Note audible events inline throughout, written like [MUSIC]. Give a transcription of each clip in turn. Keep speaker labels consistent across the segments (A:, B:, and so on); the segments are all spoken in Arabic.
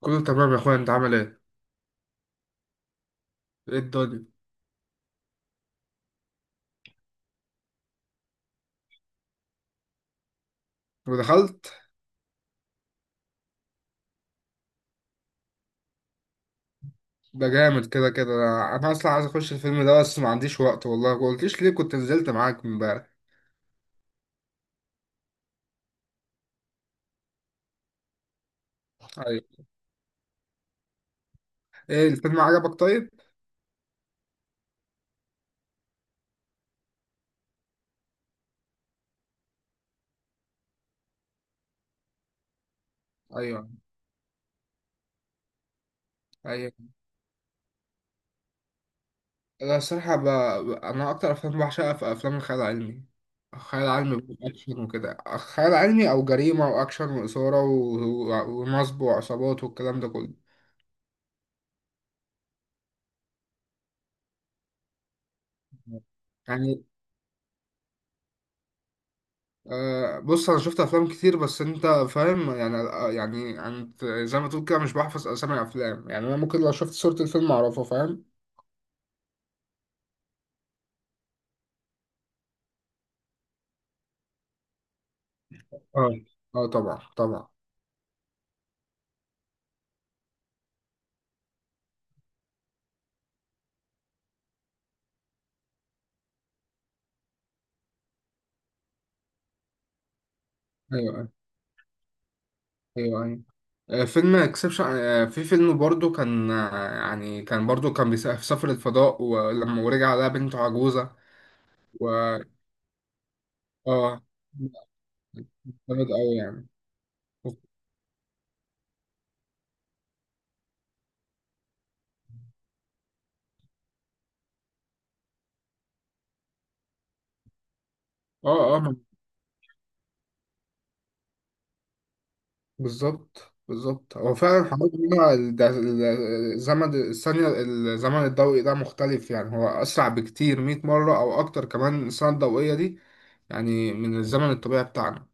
A: كله تمام يا اخويا، انت عامل ايه؟ ايه الدنيا؟ ودخلت. ده جامد. كده كده انا اصلا عايز اخش الفيلم ده، بس ما عنديش وقت والله. ما قلتليش ليه؟ كنت نزلت معاك امبارح. ايوه. ايه الفيلم؟ عجبك طيب؟ ايوه ايوه. انا الصراحه انا اكتر افلام بعشقها في افلام الخيال العلمي. خيال علمي اكشن وكده، خيال علمي او جريمه واكشن واثاره ونصب وعصابات والكلام ده كله. يعني أه. بص انا شفت افلام كتير، بس انت فاهم يعني يعني انت زي ما تقول كده مش بحفظ اسامي افلام يعني. انا ممكن لو شفت صورة الفيلم اعرفه، فاهم؟ اه اه، طبعا طبعا. ايوه ايوه. ايوه أيوة. آه، فيلم اكسبشن. في فيلم برضو كان، يعني كان برضو في سفر الفضاء، ولما ورجع لقى بنته عجوزة. و اه، جامد قوي يعني. اه اه، بالظبط بالظبط. هو فعلا حوار إن هو الزمن الثانية، الزمن الضوئي ده مختلف يعني، هو أسرع بكتير 100 مرة أو أكتر، كمان السنة الضوئية دي يعني من الزمن الطبيعي بتاعنا.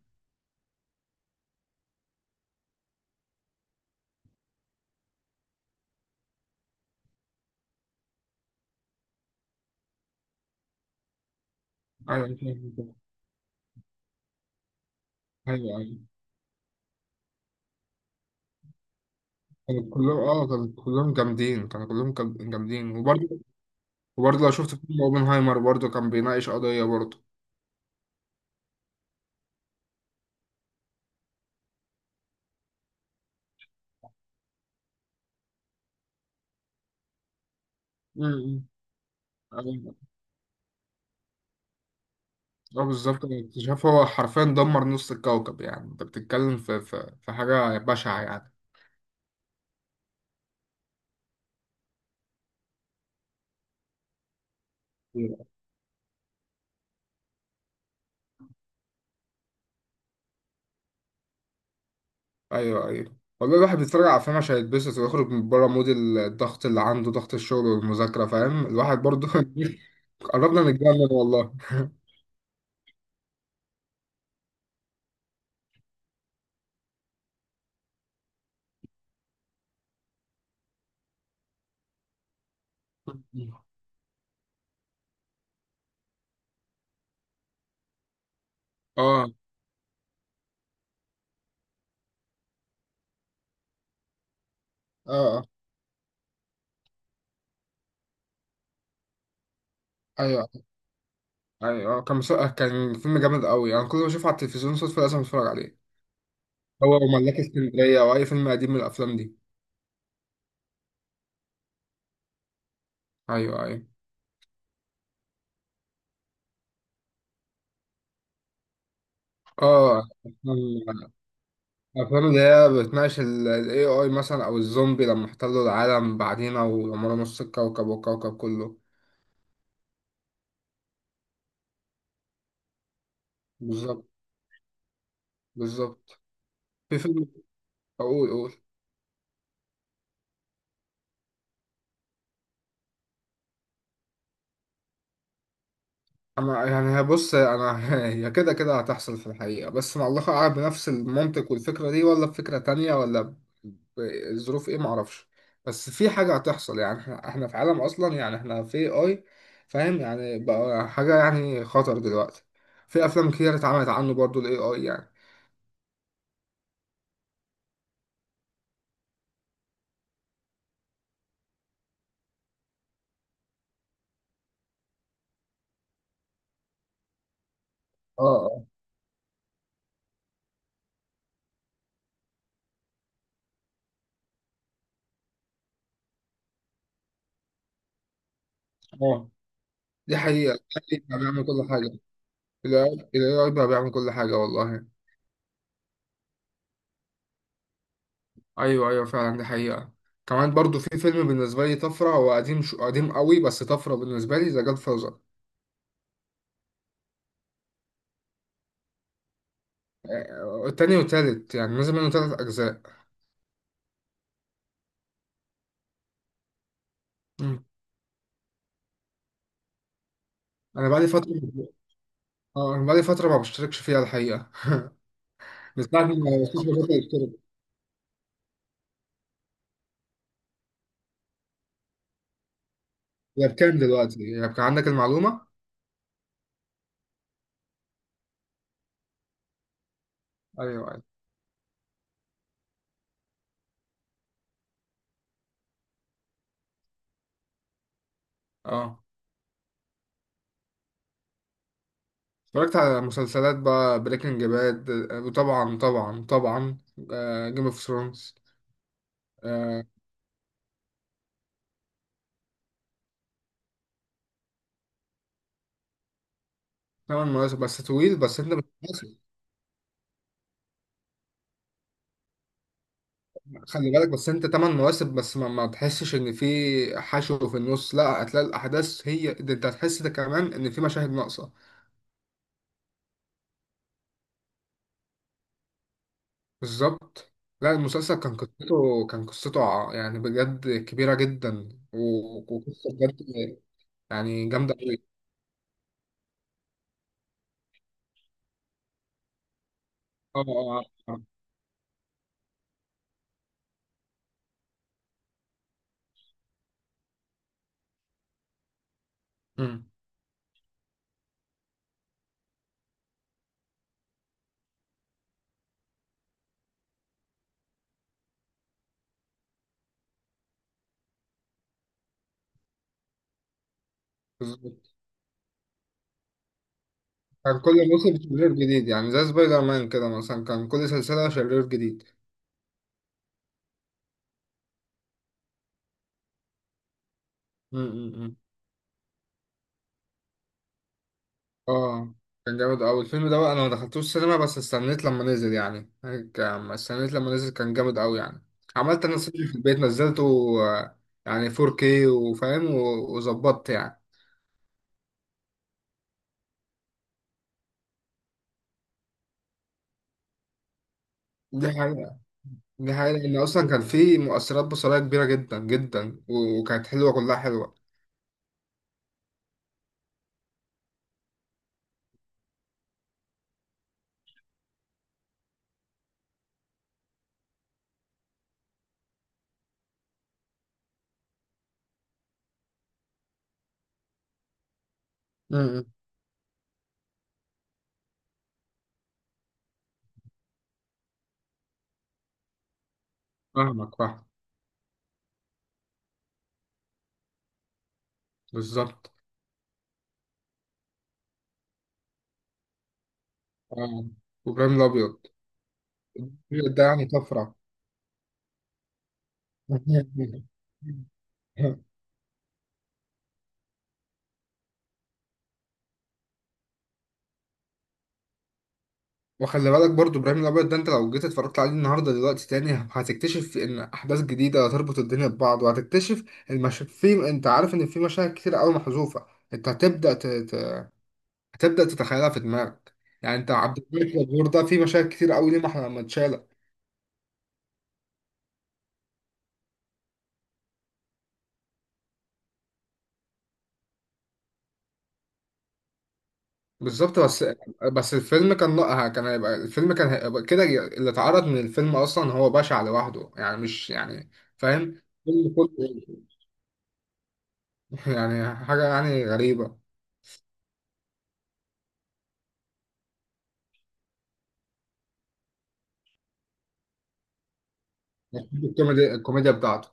A: أيوة أيوة. أيوة أيوة. كانوا كلهم أه، كانوا كلهم جامدين، كانوا كلهم جامدين، وبرضه وبرضه لو شفت فيلم أوبنهايمر برضه كان بيناقش قضية برضه. أمم. أيوة. اه بالظبط، الاكتشاف هو حرفيا دمر نص الكوكب. يعني انت بتتكلم في حاجة بشعة يعني. ايوه ايوه، والله الواحد بيتفرج على افلام عشان يتبسط ويخرج من بره مود الضغط اللي عنده، ضغط الشغل والمذاكره، فاهم؟ الواحد برضو [LAUGHS] قربنا نتجنن والله. اه اه. آه. ايوه ايوه، آه، كان فيلم جامد قوي. انا يعني كل ما اشوفه على التلفزيون صدفه لازم اتفرج عليه، هو وملاك اسكندريه او اي فيلم قديم من الافلام دي. ايوه ايوه. اه، الافلام اللي هي بتناقش الاي اي مثلا، او الزومبي لما احتلوا العالم بعدينا ودمروا نص الكوكب والكوكب كله. بالظبط بالظبط. في فيلم، اقول اقول، انا يعني بص انا [LAUGHS] هي كده كده هتحصل في الحقيقه، بس مع الله اعلم بنفس المنطق والفكره دي، ولا بفكره تانية، ولا الظروف ايه؟ معرفش. بس في حاجه هتحصل يعني. احنا في عالم اصلا، يعني احنا في اي، فاهم يعني؟ بقى حاجه يعني خطر دلوقتي. في افلام كتير اتعملت عنه برضو، الاي اي يعني. اه اه اه دي حقيقه. ال AI بقى بيعمل كل حاجه. الاي اي بقى بيعمل كل حاجه والله. ايوه ايوه، فعلا دي حقيقة. كمان برضو في فيلم بالنسبة لي طفرة، هو قديم شو قديم قوي، بس طفرة بالنسبة لي، ذا جاد فازر. التاني والتالت، يعني نزل منه تلات أجزاء. مم. أنا بقالي فترة، اه أنا بقالي فترة ما بشتركش فيها الحقيقة، من ساعة ما السوشيال ميديا اشترك. هي بكام دلوقتي؟ هي بكام، عندك المعلومة؟ أيوه أيوه. اه، اتفرجت على مسلسلات بقى، بريكنج باد، وطبعا طبعا طبعا جيم اوف ثرونز. ثمان مواسم، بس طويل، بس انت بتخلصه. خلي بالك، بس انت تمن مواسم، بس ما, ما تحسش ان في حشو في النص، لا هتلاقي الاحداث هي ده، انت هتحس ده كمان، ان في مشاهد ناقصة. بالظبط. لا المسلسل كان قصته، كان قصته يعني بجد كبيرة جدا وقصة بجد يعني جامدة قوي. اه اه. آه. آه. مم. بالظبط. كان كل موسم شرير جديد، يعني زي سبايدر مان كده مثلا، كان كل سلسلة شرير جديد. مم، مم، مم. اه، كان جامد أوي الفيلم ده بقى. أنا ما دخلتوش السينما، بس استنيت لما نزل يعني، هيك أما استنيت لما نزل كان جامد أوي يعني. عملت أنا سيرش في البيت، نزلته آه، يعني 4K وفاهم وظبطت يعني. دي حقيقة. دي حقيقة، لأن أصلا كان في مؤثرات بصرية كبيرة جدا جدا وكانت حلوة، كلها حلوة. امم. فاهمك، فاهم. بالظبط. اه، وإبراهيم الأبيض. الأبيض ده يعني طفرة. [LAUGHS] وخلي بالك برضو ابراهيم الابيض ده، انت لو جيت اتفرجت عليه النهارده دلوقتي تاني، هتكتشف ان احداث جديده هتربط الدنيا ببعض، وهتكتشف في، انت عارف ان في مشاهد كتير قوي محذوفه. انت هتبدا تتخيلها في دماغك يعني. انت عبد الملك غفور ده في مشاهد كتير قوي ليه ما احنا لما اتشالت. بالظبط. بس بس الفيلم كان، لا كان هيبقى، الفيلم كان هيبقى كده. اللي اتعرض من الفيلم اصلا هو بشع لوحده يعني، مش يعني فاهم الفيلم كله. [LAUGHS] يعني حاجه يعني غريبه. الكوميديا، الكوميديا بتاعته.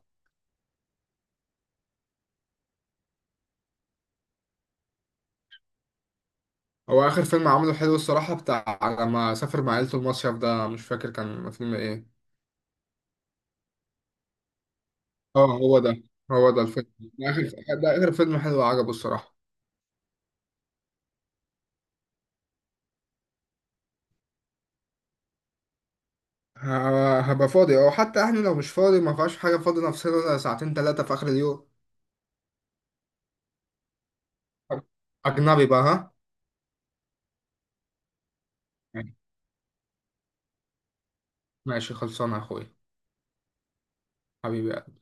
A: هو آخر فيلم عمله حلو الصراحة، بتاع لما سافر مع عيلته المصيف ده، مش فاكر كان فيلم إيه. اه، هو ده. هو ده الفيلم، ده آخر، ده آخر فيلم حلو عجبه الصراحة. هبقى فاضي، أو حتى إحنا لو مش فاضي ما فيهاش حاجة، فاضي نفسنا ساعتين تلاتة في آخر اليوم. أجنبي بقى ها؟ ماشي، خلصانة يا أخويا. حبيبي.